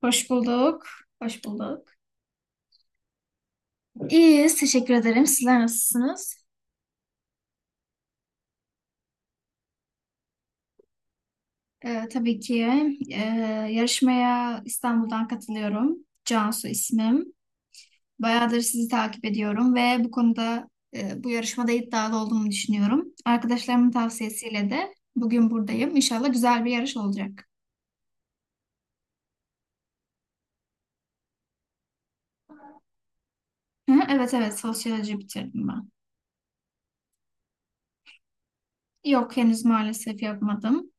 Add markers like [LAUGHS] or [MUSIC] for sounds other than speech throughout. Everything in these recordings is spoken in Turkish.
Hoş bulduk. Hoş bulduk. İyiyiz. Teşekkür ederim. Sizler nasılsınız? Tabii ki e, yarışmaya İstanbul'dan katılıyorum. Cansu ismim. Bayağıdır sizi takip ediyorum ve bu konuda bu yarışmada iddialı olduğumu düşünüyorum. Arkadaşlarımın tavsiyesiyle de bugün buradayım. İnşallah güzel bir yarış olacak. Hı, evet evet, sosyoloji bitirdim ben. Yok, henüz maalesef yapmadım.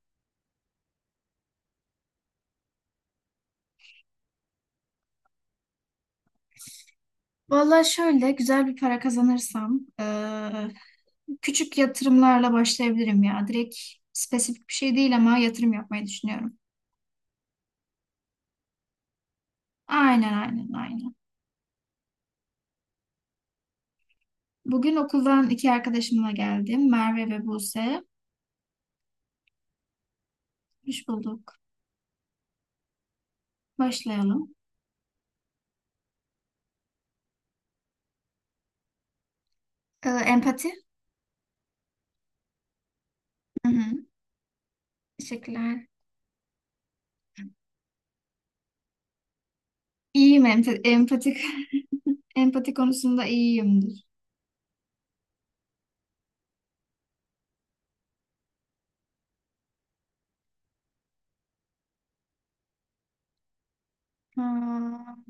Valla, şöyle güzel bir para kazanırsam küçük yatırımlarla başlayabilirim ya. Direkt spesifik bir şey değil ama yatırım yapmayı düşünüyorum. Aynen, aynen, aynen. Bugün okuldan iki arkadaşımla geldim. Merve ve Buse. Hoş bulduk. Başlayalım. Empati. Hı hı. Teşekkürler. İyiyim, empatik. [LAUGHS] Empati konusunda iyiyimdir. Hmm.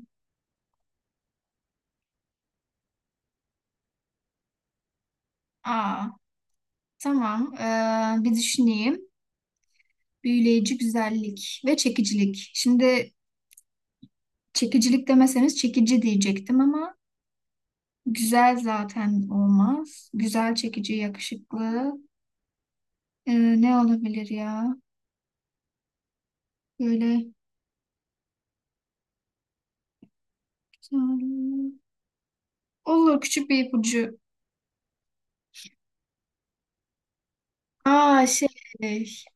Aa, tamam. Bir düşüneyim. Büyüleyici güzellik ve çekicilik. Şimdi çekicilik demeseniz çekici diyecektim ama güzel zaten olmaz. Güzel, çekici, yakışıklı. Ne olabilir ya? Böyle olur küçük bir ipucu. Aa, şey,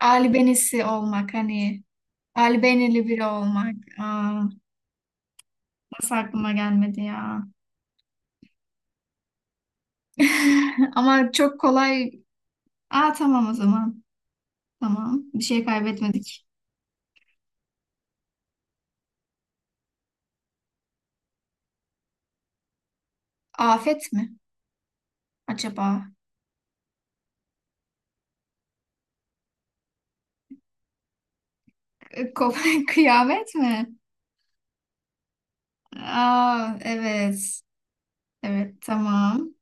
albenisi olmak, hani albenili biri olmak. Aa, nasıl aklıma gelmedi ya? [LAUGHS] Ama çok kolay. Aa, tamam o zaman. Tamam. Bir şey kaybetmedik. Afet mi acaba? [LAUGHS] Kıyamet mi? Aa evet. Evet, tamam.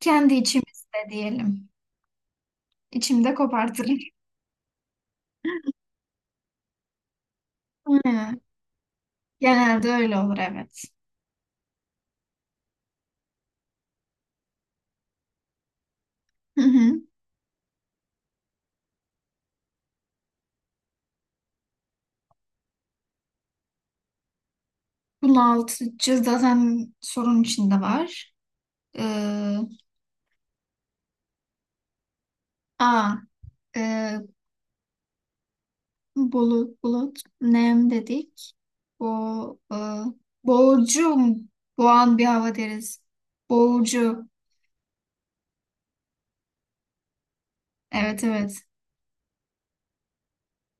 Kendi içimizde diyelim. İçimde kopartırım. Aynen. Genelde öyle olur, evet. Hı hı. Bunaltıcı zaten sorun içinde var. Ee, a e, bulut, bulut, nem dedik. Bo, e, boğucu mu? Boğan bir hava deriz. Boğucu. Evet evet.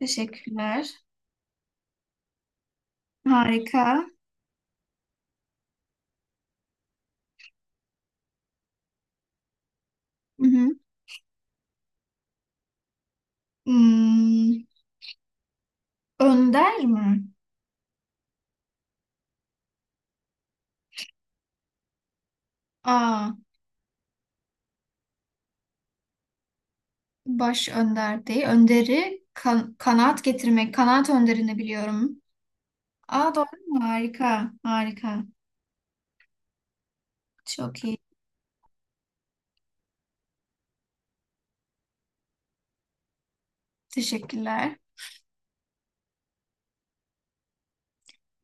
Teşekkürler. Harika. Hı hı. Hmm, önder mi? A, baş önder değil. Önderi kanaat getirmek. Kanaat önderini biliyorum. Aa, doğru mu? Harika. Harika. Çok iyi. Teşekkürler.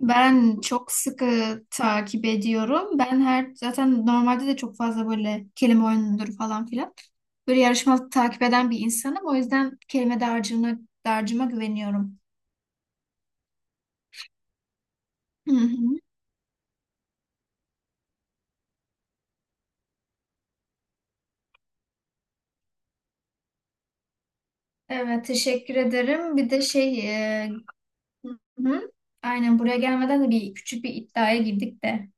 Ben çok sıkı takip ediyorum. Ben her zaten normalde de çok fazla böyle kelime oyunudur falan filan. Böyle yarışmalık takip eden bir insanım. O yüzden kelime dağarcığına, dağarcığıma güveniyorum. Hı hı. Evet, teşekkür ederim. Bir de şey, e, hı hı. Aynen, buraya gelmeden de bir küçük bir iddiaya girdik de.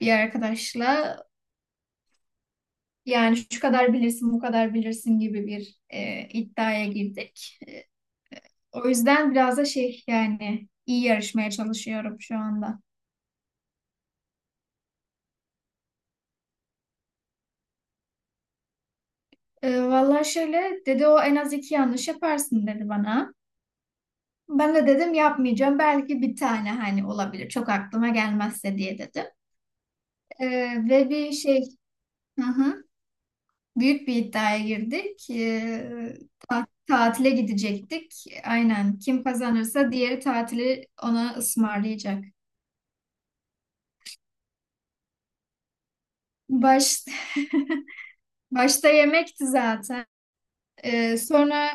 Bir arkadaşla yani şu kadar bilirsin, bu kadar bilirsin gibi bir iddiaya girdik. O yüzden biraz da şey, yani iyi yarışmaya çalışıyorum şu anda. Vallahi şöyle dedi: o en az iki yanlış yaparsın dedi bana. Ben de dedim yapmayacağım. Belki bir tane hani olabilir. Çok aklıma gelmezse diye dedim. E, ve bir şey hı hı. Büyük bir iddiaya girdik. Tatile gidecektik. Aynen. Kim kazanırsa diğeri tatili ona ısmarlayacak. Baş, [LAUGHS] Başta yemekti zaten. Sonra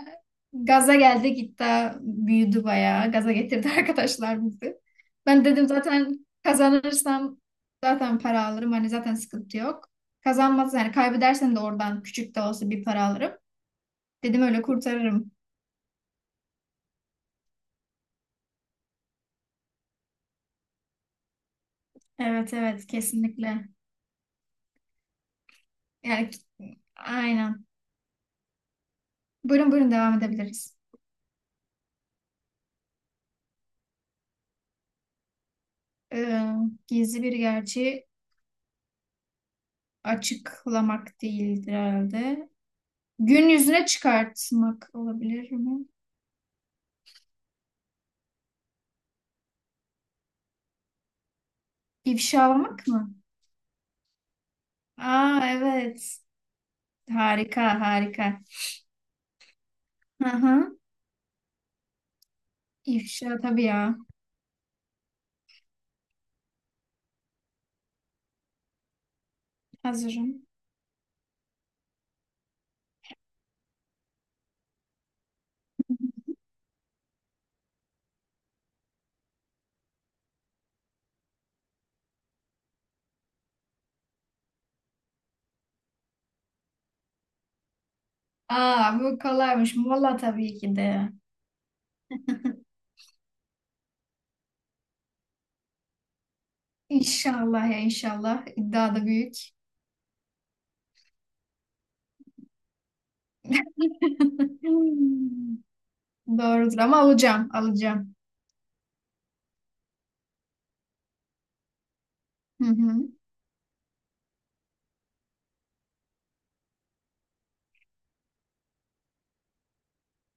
gaza geldi gitti. Büyüdü bayağı. Gaza getirdi [LAUGHS] arkadaşlar bizi. Ben dedim zaten kazanırsam zaten para alırım. Hani zaten sıkıntı yok. Kazanmaz, yani kaybedersen de oradan küçük de olsa bir para alırım. Dedim öyle kurtarırım. Evet evet, kesinlikle. Yani aynen. Buyurun, buyurun, devam edebiliriz. Ee, Gizli bir gerçeği açıklamak değildir herhalde. Gün yüzüne çıkartmak olabilir mi? İfşalamak mı? Aa evet. Harika, harika. Hı hı. İfşa, tabii ya. Hazırım. Aa, bu kolaymış. Mola tabii ki de. [LAUGHS] İnşallah ya, inşallah. İddia da büyük. [LAUGHS] Doğrudur, ama alacağım, alacağım. Hı hı.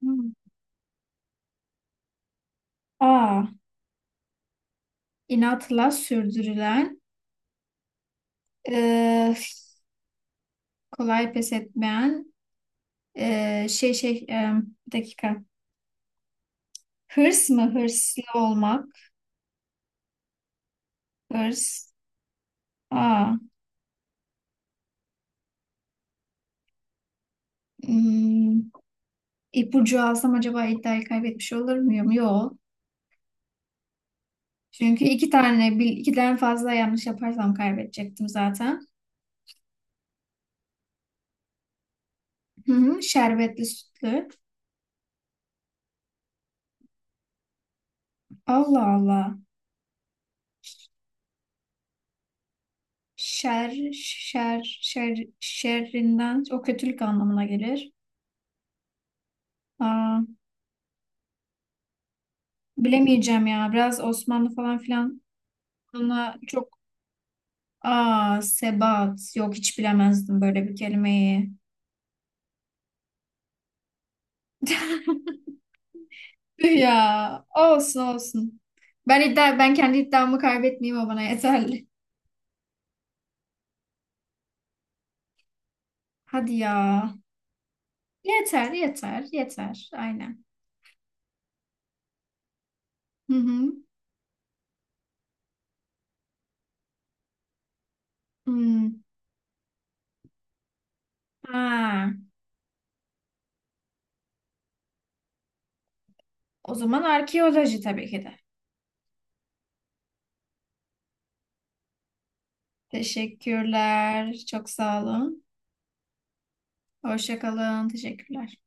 Hmm. A. İnatla sürdürülen, e, kolay pes etmeyen, e, şey şey, e, bir dakika. Hırs mı? Hırslı olmak. Hırs. A. Hmm, ipucu alsam acaba iddiayı kaybetmiş olur muyum? Yok. Çünkü iki tane, ikiden fazla yanlış yaparsam kaybedecektim zaten. Hı hı, şerbetli, sütlü. Allah Allah. Şer, şer, şer, şerrinden, o kötülük anlamına gelir. Aa. Bilemeyeceğim ya. Biraz Osmanlı falan filan, buna çok aa sebat yok, hiç bilemezdim böyle bir kelimeyi. [LAUGHS] Tüh. Ya olsun, olsun. Ben iddia, ben kendi iddiamı kaybetmeyeyim, o bana yeterli. Hadi ya. Yeter, yeter, yeter. Aynen. Hı hı. Hmm. Ha. O zaman arkeoloji tabii ki de. Teşekkürler. Çok sağ olun. Hoşça kalın. Teşekkürler.